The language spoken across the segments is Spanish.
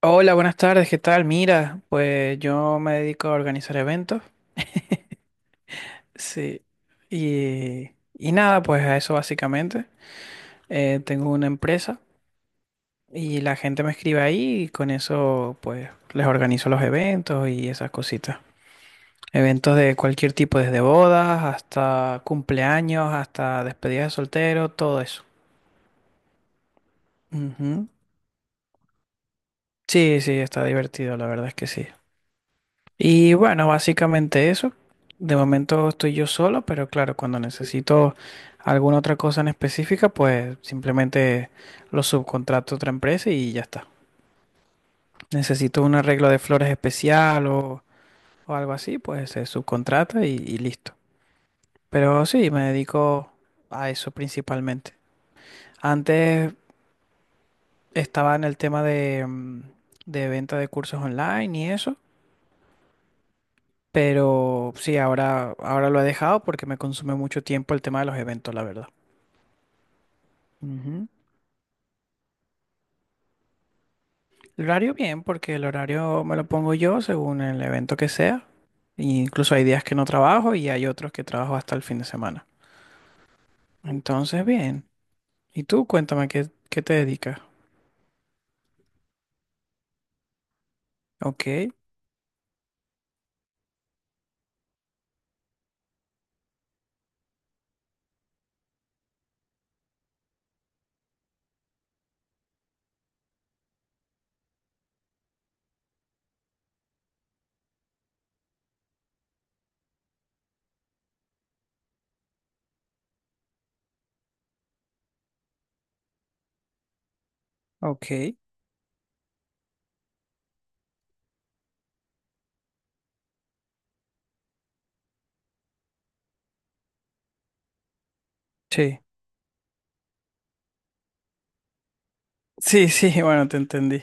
Hola, buenas tardes, ¿qué tal? Mira, pues yo me dedico a organizar eventos, sí, y nada, pues a eso básicamente. Tengo una empresa y la gente me escribe ahí y con eso pues les organizo los eventos y esas cositas. Eventos de cualquier tipo, desde bodas hasta cumpleaños, hasta despedidas de soltero, todo eso. Ujú. Sí, sí, está divertido, la verdad es que sí. Y bueno, básicamente eso. De momento estoy yo solo, pero claro, cuando necesito alguna otra cosa en específica, pues simplemente lo subcontrato a otra empresa y ya está. Necesito un arreglo de flores especial o algo así, pues se subcontrata y listo. Pero sí, me dedico a eso principalmente. Antes estaba en el tema de, de venta de cursos online y eso. Pero sí, ahora lo he dejado porque me consume mucho tiempo el tema de los eventos, la verdad. Ujú. El horario bien, porque el horario me lo pongo yo según el evento que sea. E incluso hay días que no trabajo y hay otros que trabajo hasta el fin de semana. Entonces, bien. ¿Y tú? Cuéntame qué, qué te dedicas. Ok, ok. Sí. Sí, sí, bueno, te entendí.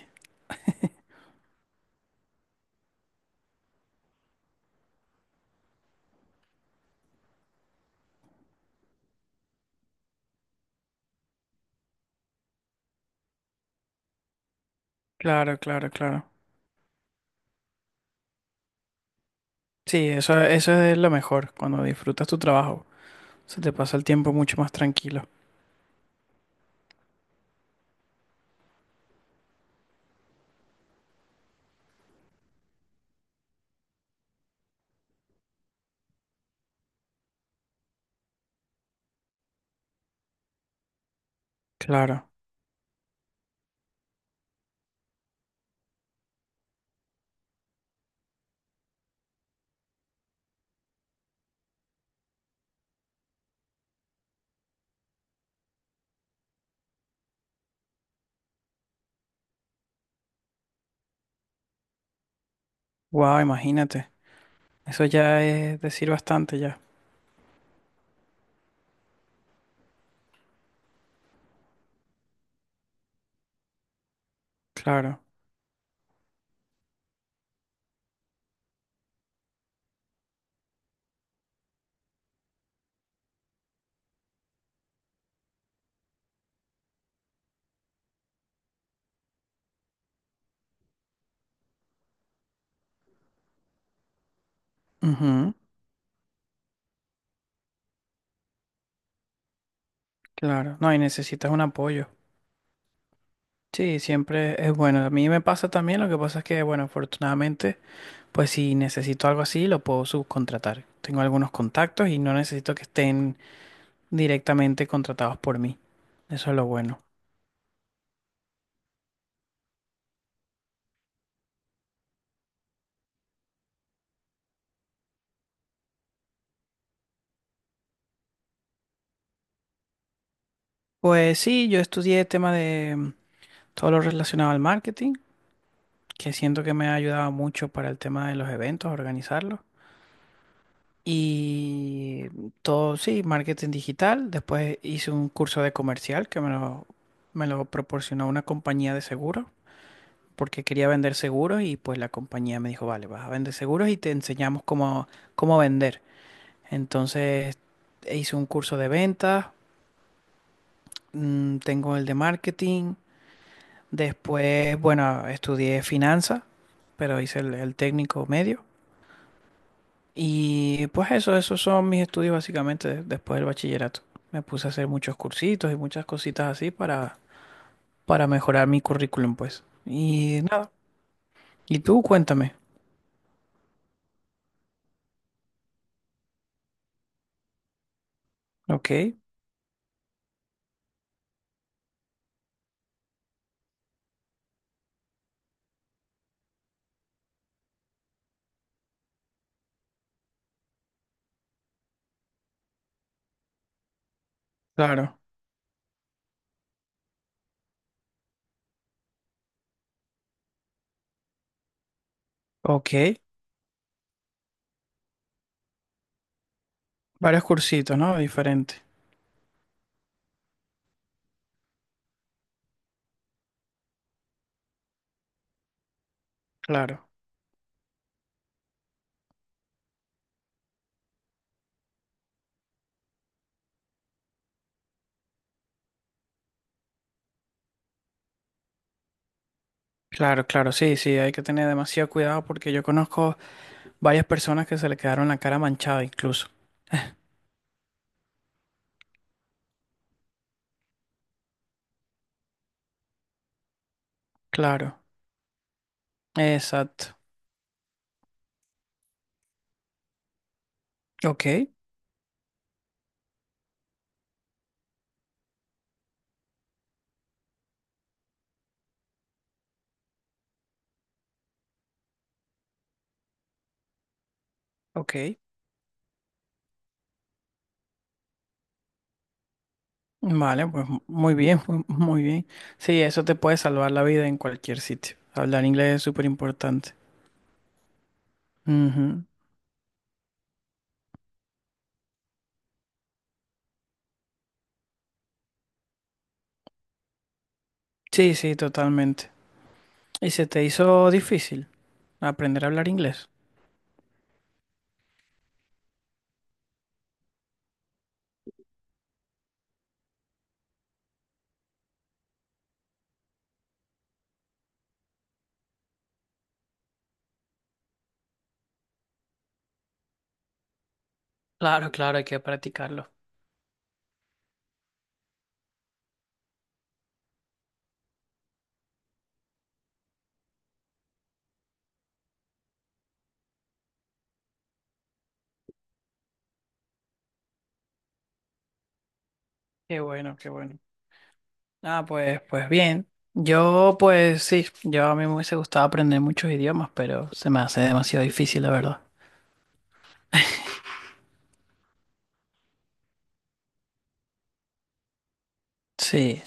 Claro, claro, claro. Sí, eso es lo mejor, cuando disfrutas tu trabajo. Se te pasa el tiempo mucho más tranquilo. Claro. Wow, imagínate. Eso ya es decir bastante ya. Claro. Ujú, claro. No, y necesitas un apoyo. Sí, siempre es bueno. A mí me pasa también, lo que pasa es que, bueno, afortunadamente, pues si necesito algo así, lo puedo subcontratar. Tengo algunos contactos y no necesito que estén directamente contratados por mí. Eso es lo bueno. Pues sí, yo estudié tema de todo lo relacionado al marketing, que siento que me ha ayudado mucho para el tema de los eventos, organizarlos. Y todo, sí, marketing digital. Después hice un curso de comercial que me lo proporcionó una compañía de seguros, porque quería vender seguros y pues la compañía me dijo, vale, vas a vender seguros y te enseñamos cómo, cómo vender. Entonces hice un curso de ventas, tengo el de marketing. Después, bueno, estudié finanzas, pero hice el técnico medio. Y pues eso, esos son mis estudios básicamente después del bachillerato. Me puse a hacer muchos cursitos y muchas cositas así para mejorar mi currículum, pues. Y nada. Y tú, cuéntame. Ok, claro. Ok. Varios cursitos, ¿no? Diferente. Claro. Claro, claro. Sí, sí, hay que tener demasiado cuidado porque yo conozco varias personas que se le quedaron la cara manchada incluso. Claro. Exacto. Ok, ok. Vale, pues muy bien, pues muy bien. Sí, eso te puede salvar la vida en cualquier sitio. Hablar inglés es súper importante. Ujú. Sí, sí, totalmente. ¿Y se te hizo difícil aprender a hablar inglés? Claro, claro, hay que practicarlo. Qué bueno, qué bueno. Ah, pues, pues bien. Yo, pues sí, yo a mí me hubiese gustado aprender muchos idiomas, pero se me hace demasiado difícil, la verdad. Sí,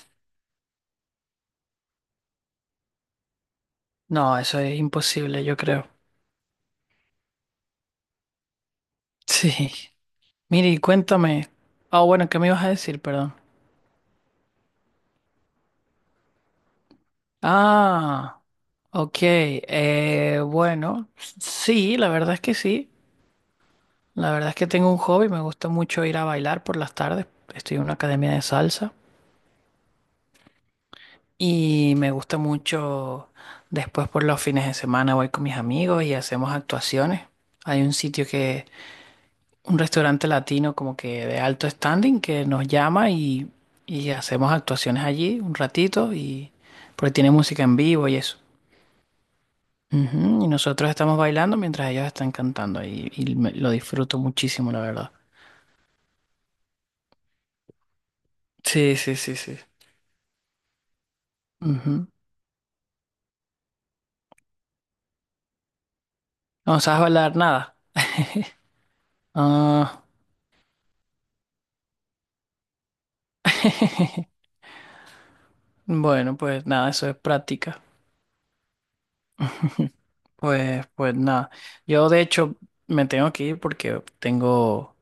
no, eso es imposible, yo creo. Sí. Mire, y cuéntame. Ah, bueno, ¿qué me ibas a decir? Perdón. Ah, ok. Bueno, sí, la verdad es que sí. La verdad es que tengo un hobby. Me gusta mucho ir a bailar por las tardes. Estoy en una academia de salsa. Y me gusta mucho después por los fines de semana voy con mis amigos y hacemos actuaciones. Hay un sitio que un restaurante latino como que de alto standing que nos llama y hacemos actuaciones allí un ratito y porque tiene música en vivo y eso. Ujú, y nosotros estamos bailando mientras ellos están cantando y lo disfruto muchísimo, la verdad. Sí, sí, sí, sí. Ujú. ¿No sabes bailar nada? Ah, bueno, pues nada, eso es práctica. Pues, pues nada. Yo de hecho me tengo que ir porque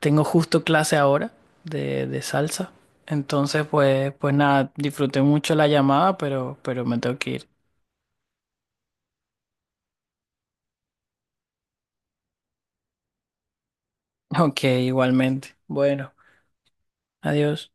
tengo justo clase ahora de salsa. Entonces, pues, pues nada, disfruté mucho la llamada, pero me tengo que ir. Ok, igualmente. Bueno, adiós.